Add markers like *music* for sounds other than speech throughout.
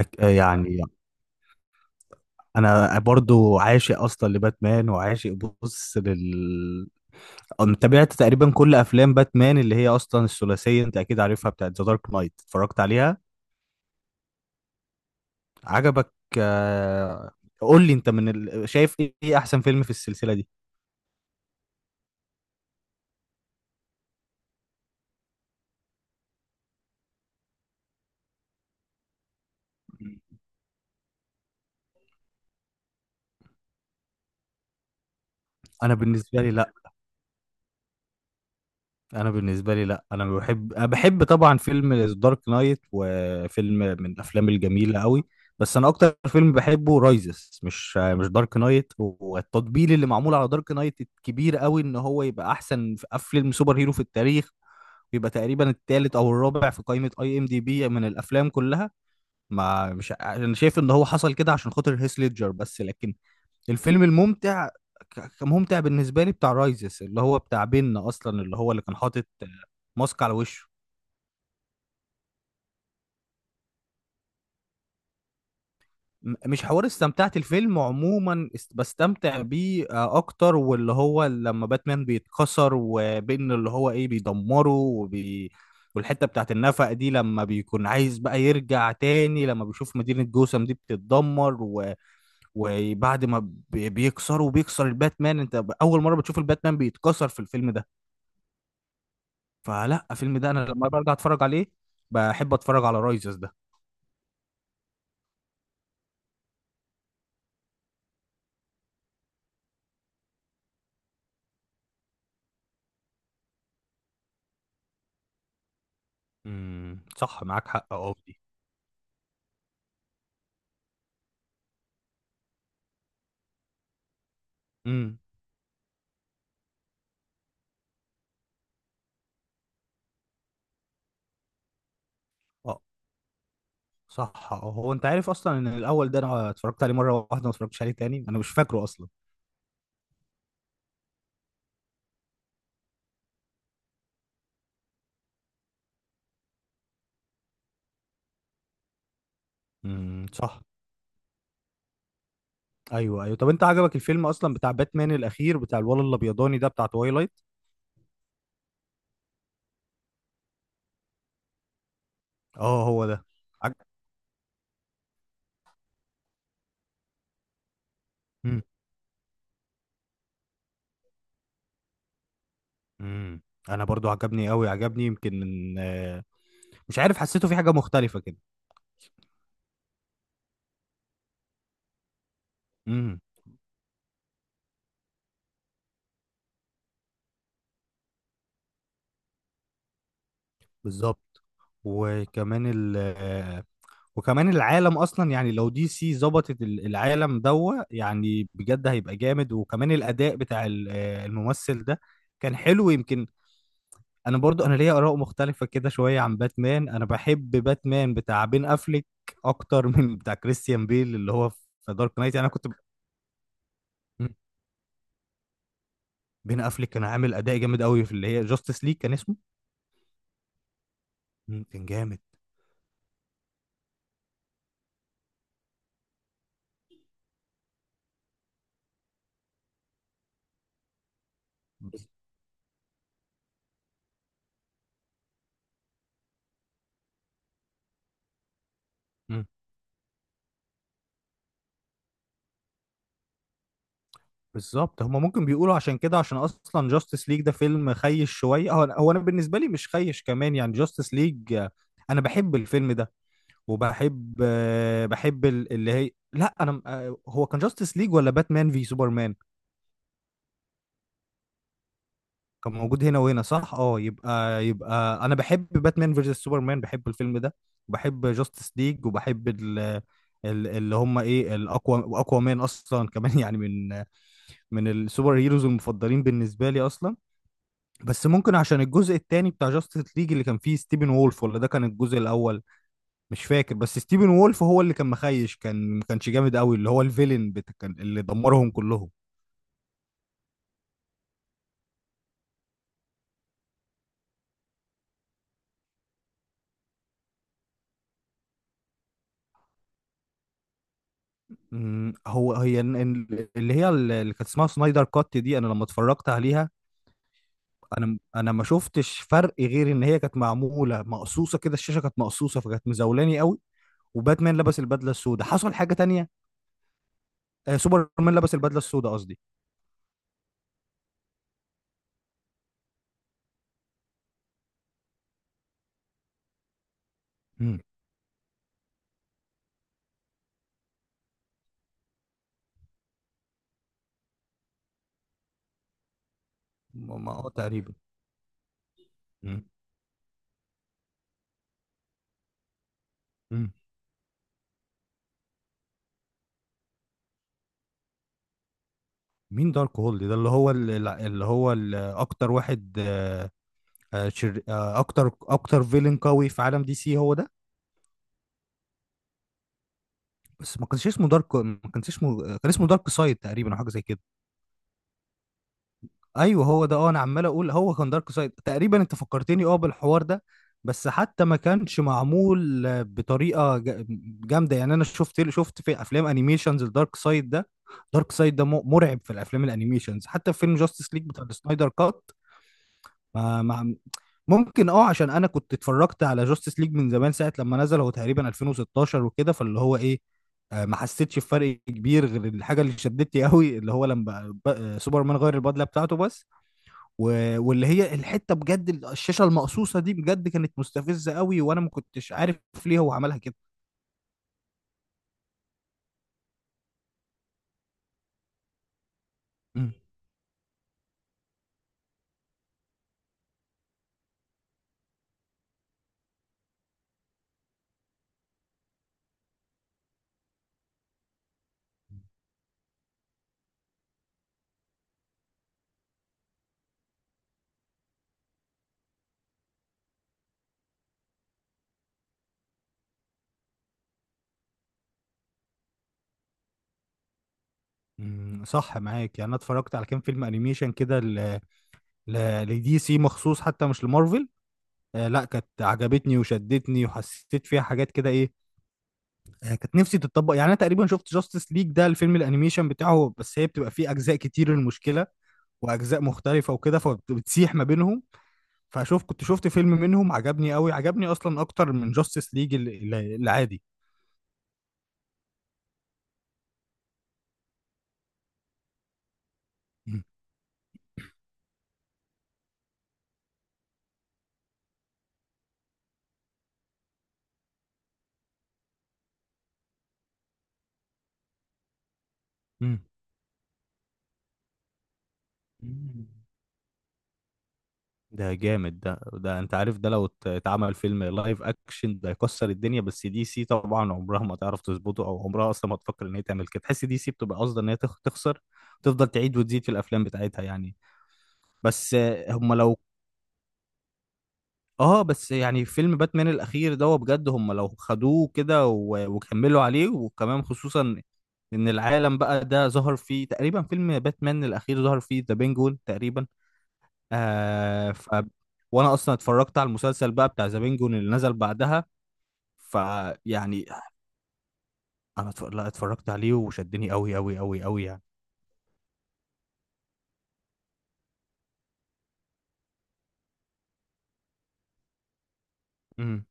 أك- يعني انا برضو عاشق اصلا لباتمان وعاشق. بص لل أنا تابعت تقريبا كل افلام باتمان اللي هي اصلا الثلاثيه، انت اكيد عارفها، بتاعت ذا دارك نايت. اتفرجت عليها، عجبك؟ آه، قول لي انت شايف ايه احسن فيلم في السلسله دي؟ انا بالنسبه لي لا انا بالنسبه لي لا، انا بحب، أنا بحب طبعا فيلم دارك نايت، وفيلم من الافلام الجميله قوي، بس انا اكتر فيلم بحبه رايزس، مش دارك نايت. والتطبيل اللي معمول على دارك نايت الكبير قوي ان هو يبقى احسن في فيلم سوبر هيرو في التاريخ، ويبقى تقريبا الثالث او الرابع في قائمه اي ام دي بي من الافلام كلها. ما مش ع- انا شايف ان هو حصل كده عشان خاطر هيث ليدجر بس، لكن الفيلم الممتع كممتع بالنسبه لي بتاع رايزس، اللي هو بتاع بين اصلا، اللي هو اللي كان حاطط ماسك على وشه. مش حوار استمتعت، الفيلم عموما بستمتع بيه اكتر، واللي هو لما باتمان بيتكسر، وبين اللي هو ايه بيدمره والحته بتاعت النفق دي، لما بيكون عايز بقى يرجع تاني، لما بيشوف مدينه جوثام دي بتتدمر وبعد ما بيكسره، بيكسر الباتمان. انت اول مره بتشوف الباتمان بيتكسر في الفيلم ده، فلا الفيلم ده انا لما برجع اتفرج عليه بحب اتفرج على رايزز ده. صح، معاك حق اه في دي. امم اه صح اه، هو انت عارف اصلا ان الاول ده انا اتفرجت عليه مره واحده، ما اتفرجتش عليه تاني، انا مش فاكره اصلا. صح. ايوه ايوه، طب انت عجبك الفيلم اصلا بتاع باتمان الاخير، بتاع الولد الابيضاني ده بتاع تويلايت؟ اه هو ده. عج... مم. امم انا برضو عجبني قوي، عجبني يمكن من مش عارف، حسيته في حاجه مختلفه كده. امم بالظبط. وكمان ال وكمان العالم اصلا، يعني لو دي سي ظبطت العالم دوا يعني، بجد هيبقى جامد. وكمان الاداء بتاع الممثل ده كان حلو يمكن. انا برضو، انا ليا اراء مختلفة كده شوية عن باتمان، انا بحب باتمان بتاع بين افليك اكتر *laughs* من بتاع كريستيان بيل اللي هو في دارك نايت، يعني انا مم. بين افليك كان عامل اداء جامد قوي في اللي هي جاستس ليج كان اسمه. مم، كان جامد. بالظبط، هما ممكن بيقولوا عشان كده، عشان اصلا جاستس ليج ده فيلم خيش شويه، هو انا بالنسبه لي مش خيش كمان يعني جاستس ليج، انا بحب الفيلم ده. وبحب بحب اللي هي، لا انا هو كان جاستس ليج ولا باتمان في سوبرمان؟ كان موجود هنا وهنا، صح اه. يبقى انا بحب باتمان فيرسس سوبرمان، بحب الفيلم ده، وبحب جاستس ليج، وبحب اللي هم ايه، الاقوى، اقوى مان اصلا كمان *laughs* يعني من من السوبر هيروز المفضلين بالنسبه لي اصلا. بس ممكن عشان الجزء التاني بتاع جاستس ليج اللي كان فيه ستيفن وولف، ولا ده كان الجزء الاول؟ مش فاكر، بس ستيفن وولف هو اللي كان مخيش، كان ما كانش جامد قوي، اللي هو كان اللي دمرهم كلهم. أمم، هو هي ال- ال- اللي هي ال- اللي كانت اسمها سنايدر كات دي، انا لما اتفرجت عليها انا ما شفتش فرق غير ان هي كانت معموله مقصوصه كده، الشاشه كانت مقصوصه، فكانت مزولاني قوي. وباتمان لبس البدله السوداء، حصل حاجه تانية، آه سوبرمان لبس البدله السوداء قصدي. أمم، تقريبا. أمم، أمم. مين دارك هولد ده؟ اللي هو اكتر واحد آه، آه، شر... آه، اكتر فيلن قوي في عالم دي سي هو ده. بس ما كانش اسمه دارك، ما كانش اسمه، كان اسمه دارك سايد تقريبا، او حاجه زي كده. ايوه هو ده، اه، انا عمال اقول هو كان دارك سايد تقريبا، انت فكرتني اه بالحوار ده. بس حتى ما كانش معمول بطريقه جامده يعني. انا شفت في افلام انيميشنز الدارك سايد ده، دارك سايد ده مرعب في الافلام الانيميشنز، حتى في فيلم جاستس ليج بتاع السنايدر كات. ما ما ممكن اه، عشان انا كنت اتفرجت على جاستس ليج من زمان ساعه لما نزل، هو تقريبا 2016 وكده، فاللي هو ايه، ما حسيتش بفرق كبير غير الحاجه اللي شدتني قوي، اللي هو لما سوبرمان غير البدله بتاعته بس. واللي هي الحته بجد، الشاشه المقصوصه دي بجد كانت مستفزه قوي، وانا ما كنتش عارف ليه هو عملها كده. مم. مم، صح معاك. يعني انا اتفرجت على كام فيلم انيميشن كده لدي سي مخصوص، حتى مش لمارفل. لا، كانت عجبتني وشدتني وحسيت فيها حاجات كده ايه، يعني كانت نفسي تتطبق. يعني انا تقريبا شفت جاستس ليج ده الفيلم الانيميشن بتاعه بس، هي بتبقى فيه اجزاء كتير المشكله، واجزاء مختلفه وكده، فبتسيح ما بينهم. فشوف، كنت شفت فيلم منهم عجبني قوي، عجبني اصلا اكتر من جاستس ليج العادي. م- م- مم. ده جامد، ده انت عارف ده لو اتعمل فيلم لايف اكشن ده هيكسر الدنيا. بس دي سي طبعا عمرها ما تعرف تظبطه، او عمرها اصلا ما تفكر ان هي تعمل كده، تحس دي سي بتبقى قاصده ان هي تخسر، تفضل تعيد وتزيد في الافلام بتاعتها يعني. بس هم لو، اه بس يعني فيلم باتمان الاخير ده هو بجد، هم لو خدوه كده وكملوا عليه، وكمان خصوصا ان العالم بقى ده ظهر فيه، تقريبا فيلم باتمان الاخير ظهر فيه ذا بينجون تقريبا. آه ف وانا اصلا اتفرجت على المسلسل بقى بتاع ذا بينجون اللي نزل بعدها، فيعني لا اتفرجت عليه وشدني قوي قوي قوي قوي يعني. امم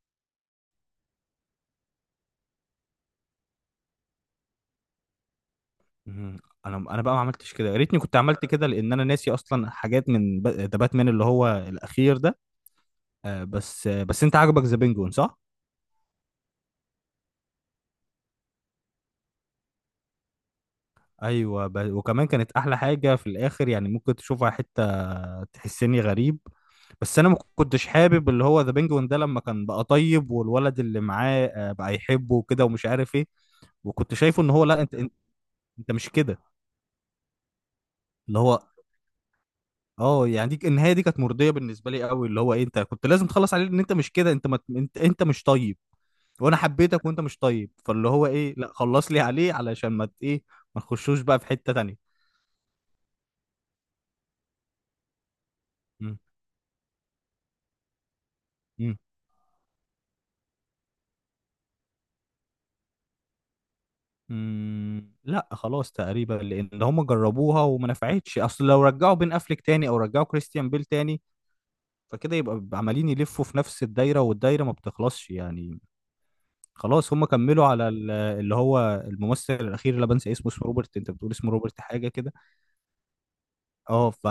امم. انا بقى ما عملتش كده، يا ريتني كنت عملت كده، لان انا ناسي اصلا حاجات من ذا باتمان اللي هو الاخير ده. بس انت عاجبك ذا بينجون صح؟ وكمان كانت احلى حاجه في الاخر، يعني ممكن تشوفها حته تحسني غريب، بس انا ما كنتش حابب اللي هو ذا بينجوين ده لما كان بقى طيب، والولد اللي معاه بقى يحبه وكده ومش عارف ايه. وكنت شايفه ان هو لا، انت مش كده. اللي هو اه، يعني دي النهايه دي كانت مرضيه بالنسبه لي قوي، اللي هو إيه، انت كنت لازم تخلص عليه، ان انت مش كده، انت ما... انت انت مش طيب، وانا حبيتك وانت مش طيب، فاللي هو ايه، لا خلص لي عليه علشان ما ت- ايه، ما نخشوش بقى في حته تانيه. مم. لا خلاص تقريبا، لان هم جربوها وما نفعتش. اصل لو رجعوا بين افليك تاني او رجعوا كريستيان بيل تاني، فكده يبقى، بيبقى عمالين يلفوا في نفس الدايره، والدايره ما بتخلصش يعني. خلاص هم كملوا على اللي هو الممثل الاخير اللي بنسى اسمه، اسمه روبرت، انت بتقول اسمه روبرت حاجه كده. اه ف،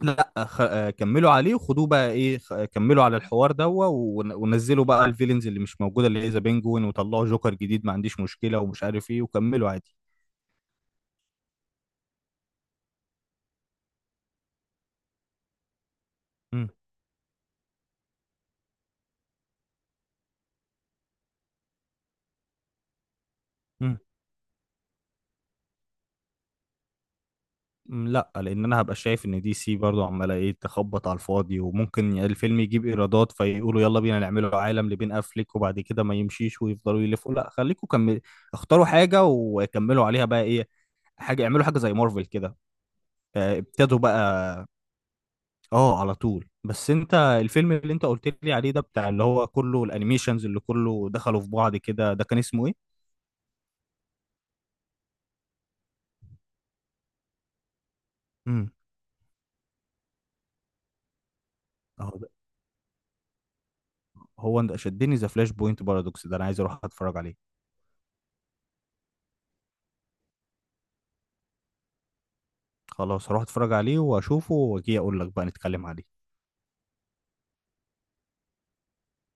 لا خ... آه، كملوا عليه وخدوه بقى ايه، خ... آه، كملوا على الحوار ده ونزلوا بقى الفيلنز اللي مش موجوده، اللي هي ذا بينجوين، وطلعوا جوكر جديد ما عنديش مشكله ومش عارف ايه، وكملوا عادي. مم. م، لا، لان انا هبقى شايف ان دي سي برضو عماله ايه، تخبط على الفاضي، وممكن الفيلم يجيب ايرادات فيقولوا يلا بينا نعمله عالم لبين افليك، وبعد كده ما يمشيش ويفضلوا يلفوا. لا خليكم كمل، اختاروا حاجه وكملوا عليها بقى ايه، حاجه اعملوا حاجه زي مارفل كده، ابتدوا بقى. اه على طول. بس انت الفيلم اللي انت قلت لي عليه ده بتاع اللي هو كله الانيميشنز اللي كله دخلوا في بعض كده ده، كان اسمه ايه؟ امم اهو ده، هو ده شدني، ذا فلاش بوينت بارادوكس ده انا عايز اروح اتفرج عليه. خلاص هروح اتفرج عليه واشوفه واجي اقول لك بقى نتكلم عليه.